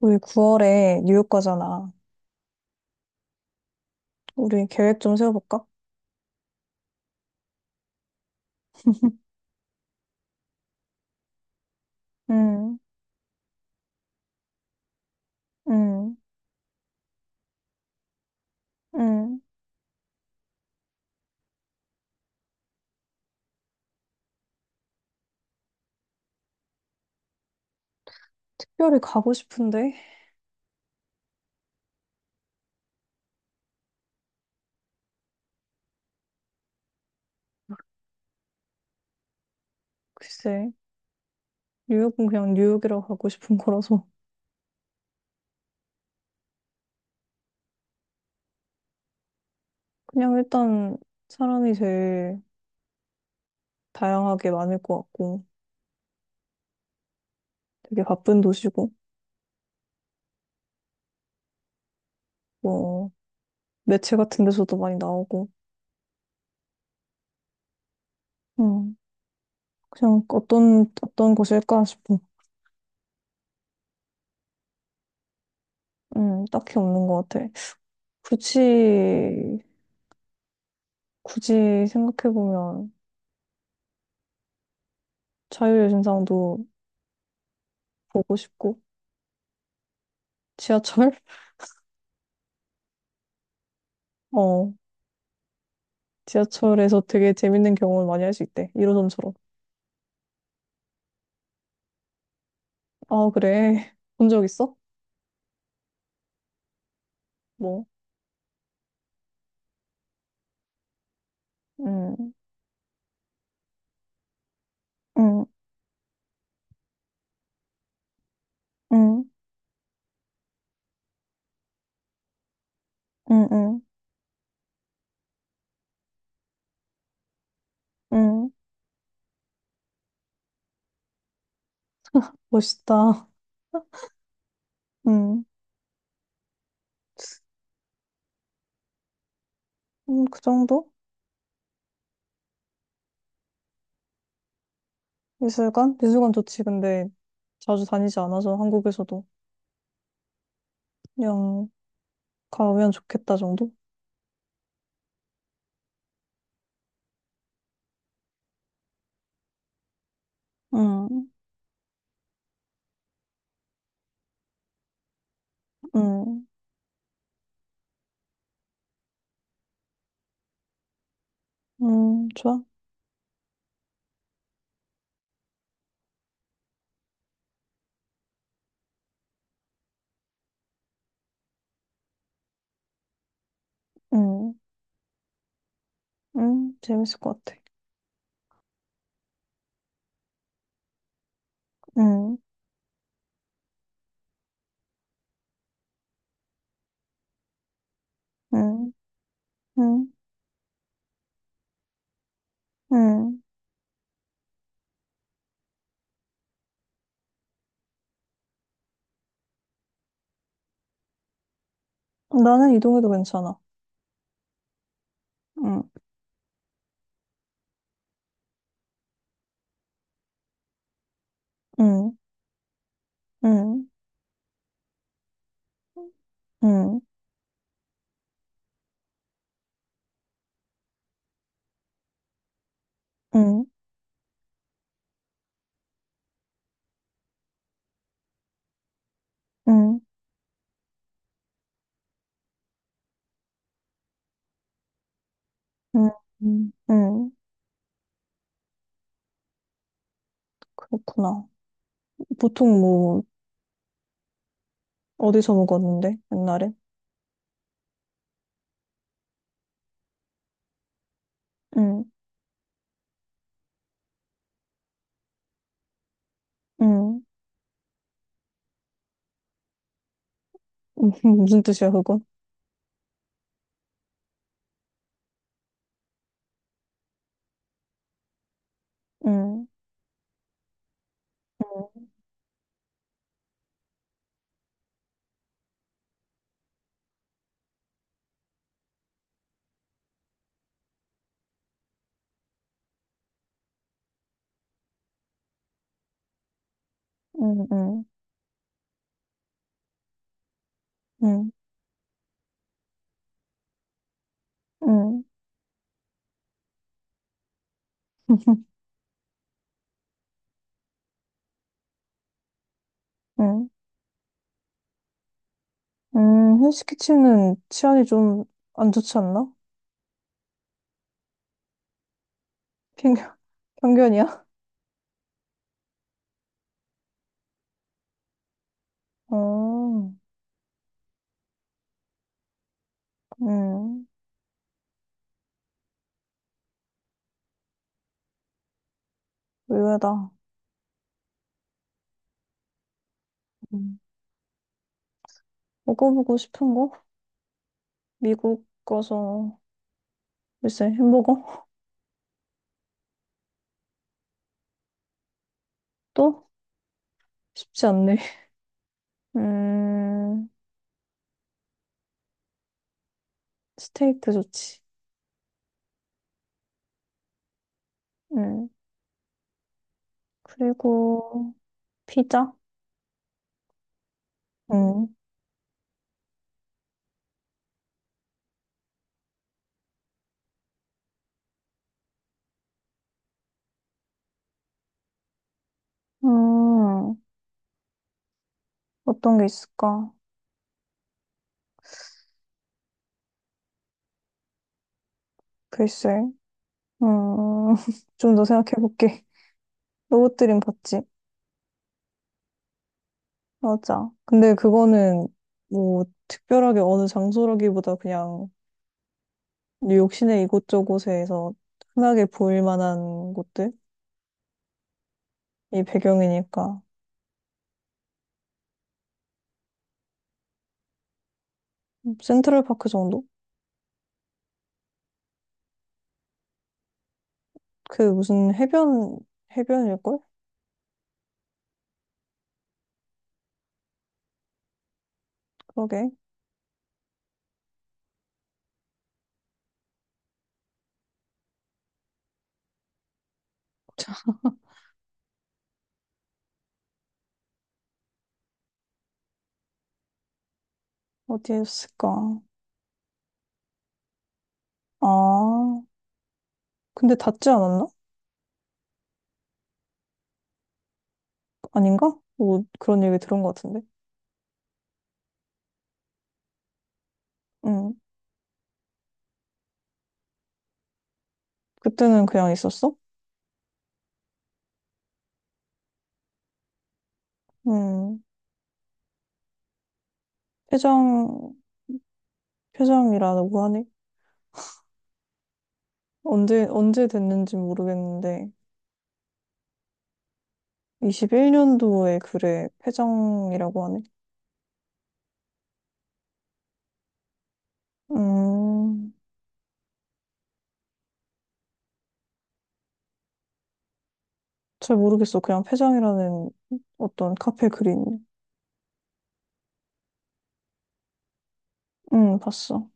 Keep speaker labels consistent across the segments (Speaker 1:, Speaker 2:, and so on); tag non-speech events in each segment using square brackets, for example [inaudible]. Speaker 1: 우리 9월에 뉴욕 가잖아. 우리 계획 좀 세워볼까? [laughs] 응, 응, 응. 특별히 가고 싶은데? 글쎄, 뉴욕은 그냥 뉴욕이라고 가고 싶은 거라서. 그냥 일단 사람이 제일 다양하게 많을 것 같고, 되게 바쁜 도시고, 뭐, 매체 같은 데서도 많이 나오고, 응. 그냥 어떤, 어떤 곳일까 싶어. 응, 딱히 없는 것 같아. 굳이, 굳이 생각해보면 자유의 신상도 보고 싶고, 지하철? [laughs] 어. 지하철에서 되게 재밌는 경험을 많이 할 수 있대. 1호선처럼. 아, 그래. [laughs] 본 적 있어? 뭐. 응, 응, 응, 응, 응, 응, 멋있다. 음. 그 정도? 미술관? 미술관 좋지. 근데 자주 다니지 않아서 한국에서도 그냥 가면 좋겠다 정도? 응, 응, 좋아. 응, 응, 재밌을 것 같아. 응, 응, 응, 응, 나는 이동해도 괜찮아. 응. 음. 응, 응, 응, 응, 응, 응, 응. 그렇구나. 보통 뭐, 어디서 먹었는데, 옛날에? 응, 응. [laughs] 무슨 뜻이야, 그건? 응, 응, 응, 응, 응, [laughs] 응. 헬스키친은 치안이 좀 안 좋지 않나? 편견, 편견이야? [laughs] 어, 음, 의외다. 음. 먹어보고 싶은 거? 미국 가서, 글쎄, 햄버거? 또? 쉽지 않네. 음, 스테이크 좋지. 음, 그리고 피자? 음, 음, 어떤 게 있을까? 글쎄. 음, [laughs] 좀 더 생각해 볼게. 로봇드림 봤지? 맞아. 근데 그거는 뭐 특별하게 어느 장소라기보다 그냥 뉴욕 시내 이곳저곳에서 흔하게 보일 만한 곳들이 배경이니까. 센트럴파크 정도? 그 무슨 해변, 해변일걸? 그러게. 어디였을까? 아, 근데 닿지 않았나? 아닌가? 뭐 그런 얘기 들은 것 같은데. 응. 그때는 그냥 있었어? 응. 폐장, 폐장이라고 하네. 언제, 언제 됐는지 모르겠는데. 21년도에 글에 폐장이라고 하네. 음, 잘 모르겠어. 그냥 폐장이라는 어떤 카페 글이네. 응, 봤어.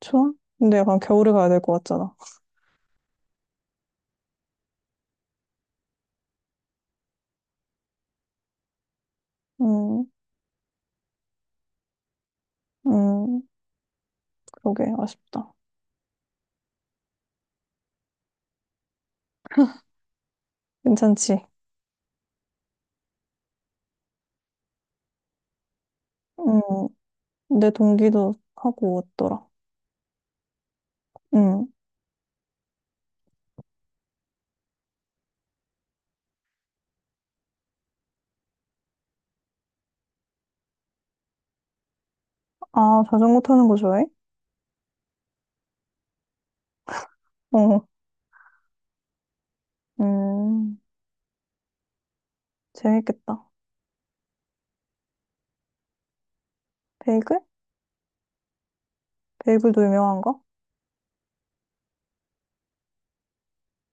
Speaker 1: 좋아? 근데 약간 겨울에 가야 될 것 같잖아. 음, 음, 그러게, 아쉽다. 괜찮지? 음. 내 동기도 하고 왔더라. 응. 아, 자전거 타는 거 좋아해? 어. 음, 재밌겠다. 베이글? 베이글도 유명한가?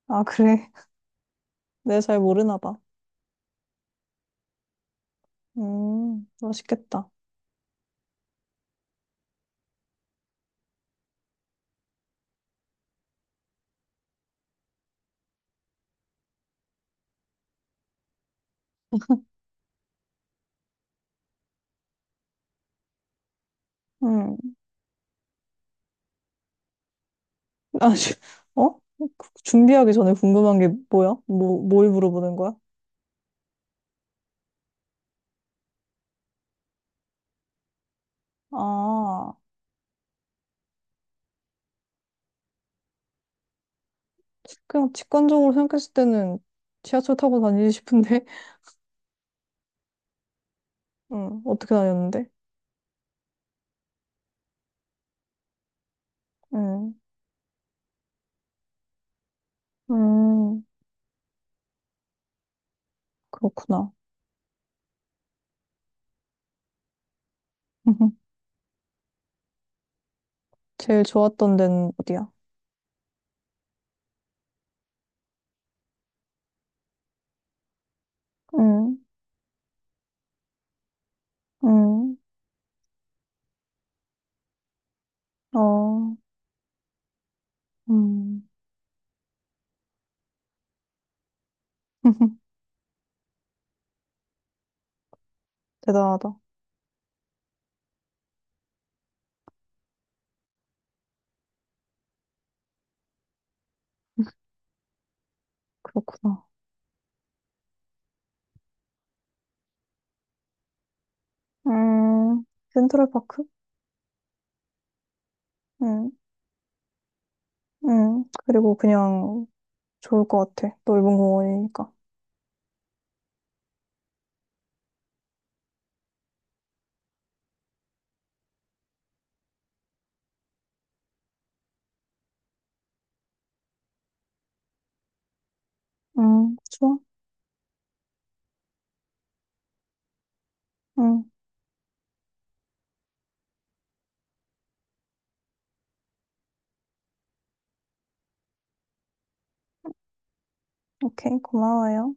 Speaker 1: 아, 그래. [laughs] 내가 잘 모르나 봐. 맛있겠다. 음. 아, 씨, 어? 준비하기 전에 궁금한 게 뭐야? 뭐, 뭘 물어보는 거야? 아, 그냥 직관적으로 생각했을 때는 지하철 타고 다니지 싶은데, [laughs] 응, 어떻게 다녔는데? 응, 음, 그렇구나. [laughs] 제일 좋았던 데는 어디야? 응. 음, 어, 음. [laughs] 대단하다. 그렇구나. 음, 센트럴파크? 음, 그리고 그냥 좋을 것 같아. 넓은 공원이니까. 좋아. 음, 오케이. 고마워요.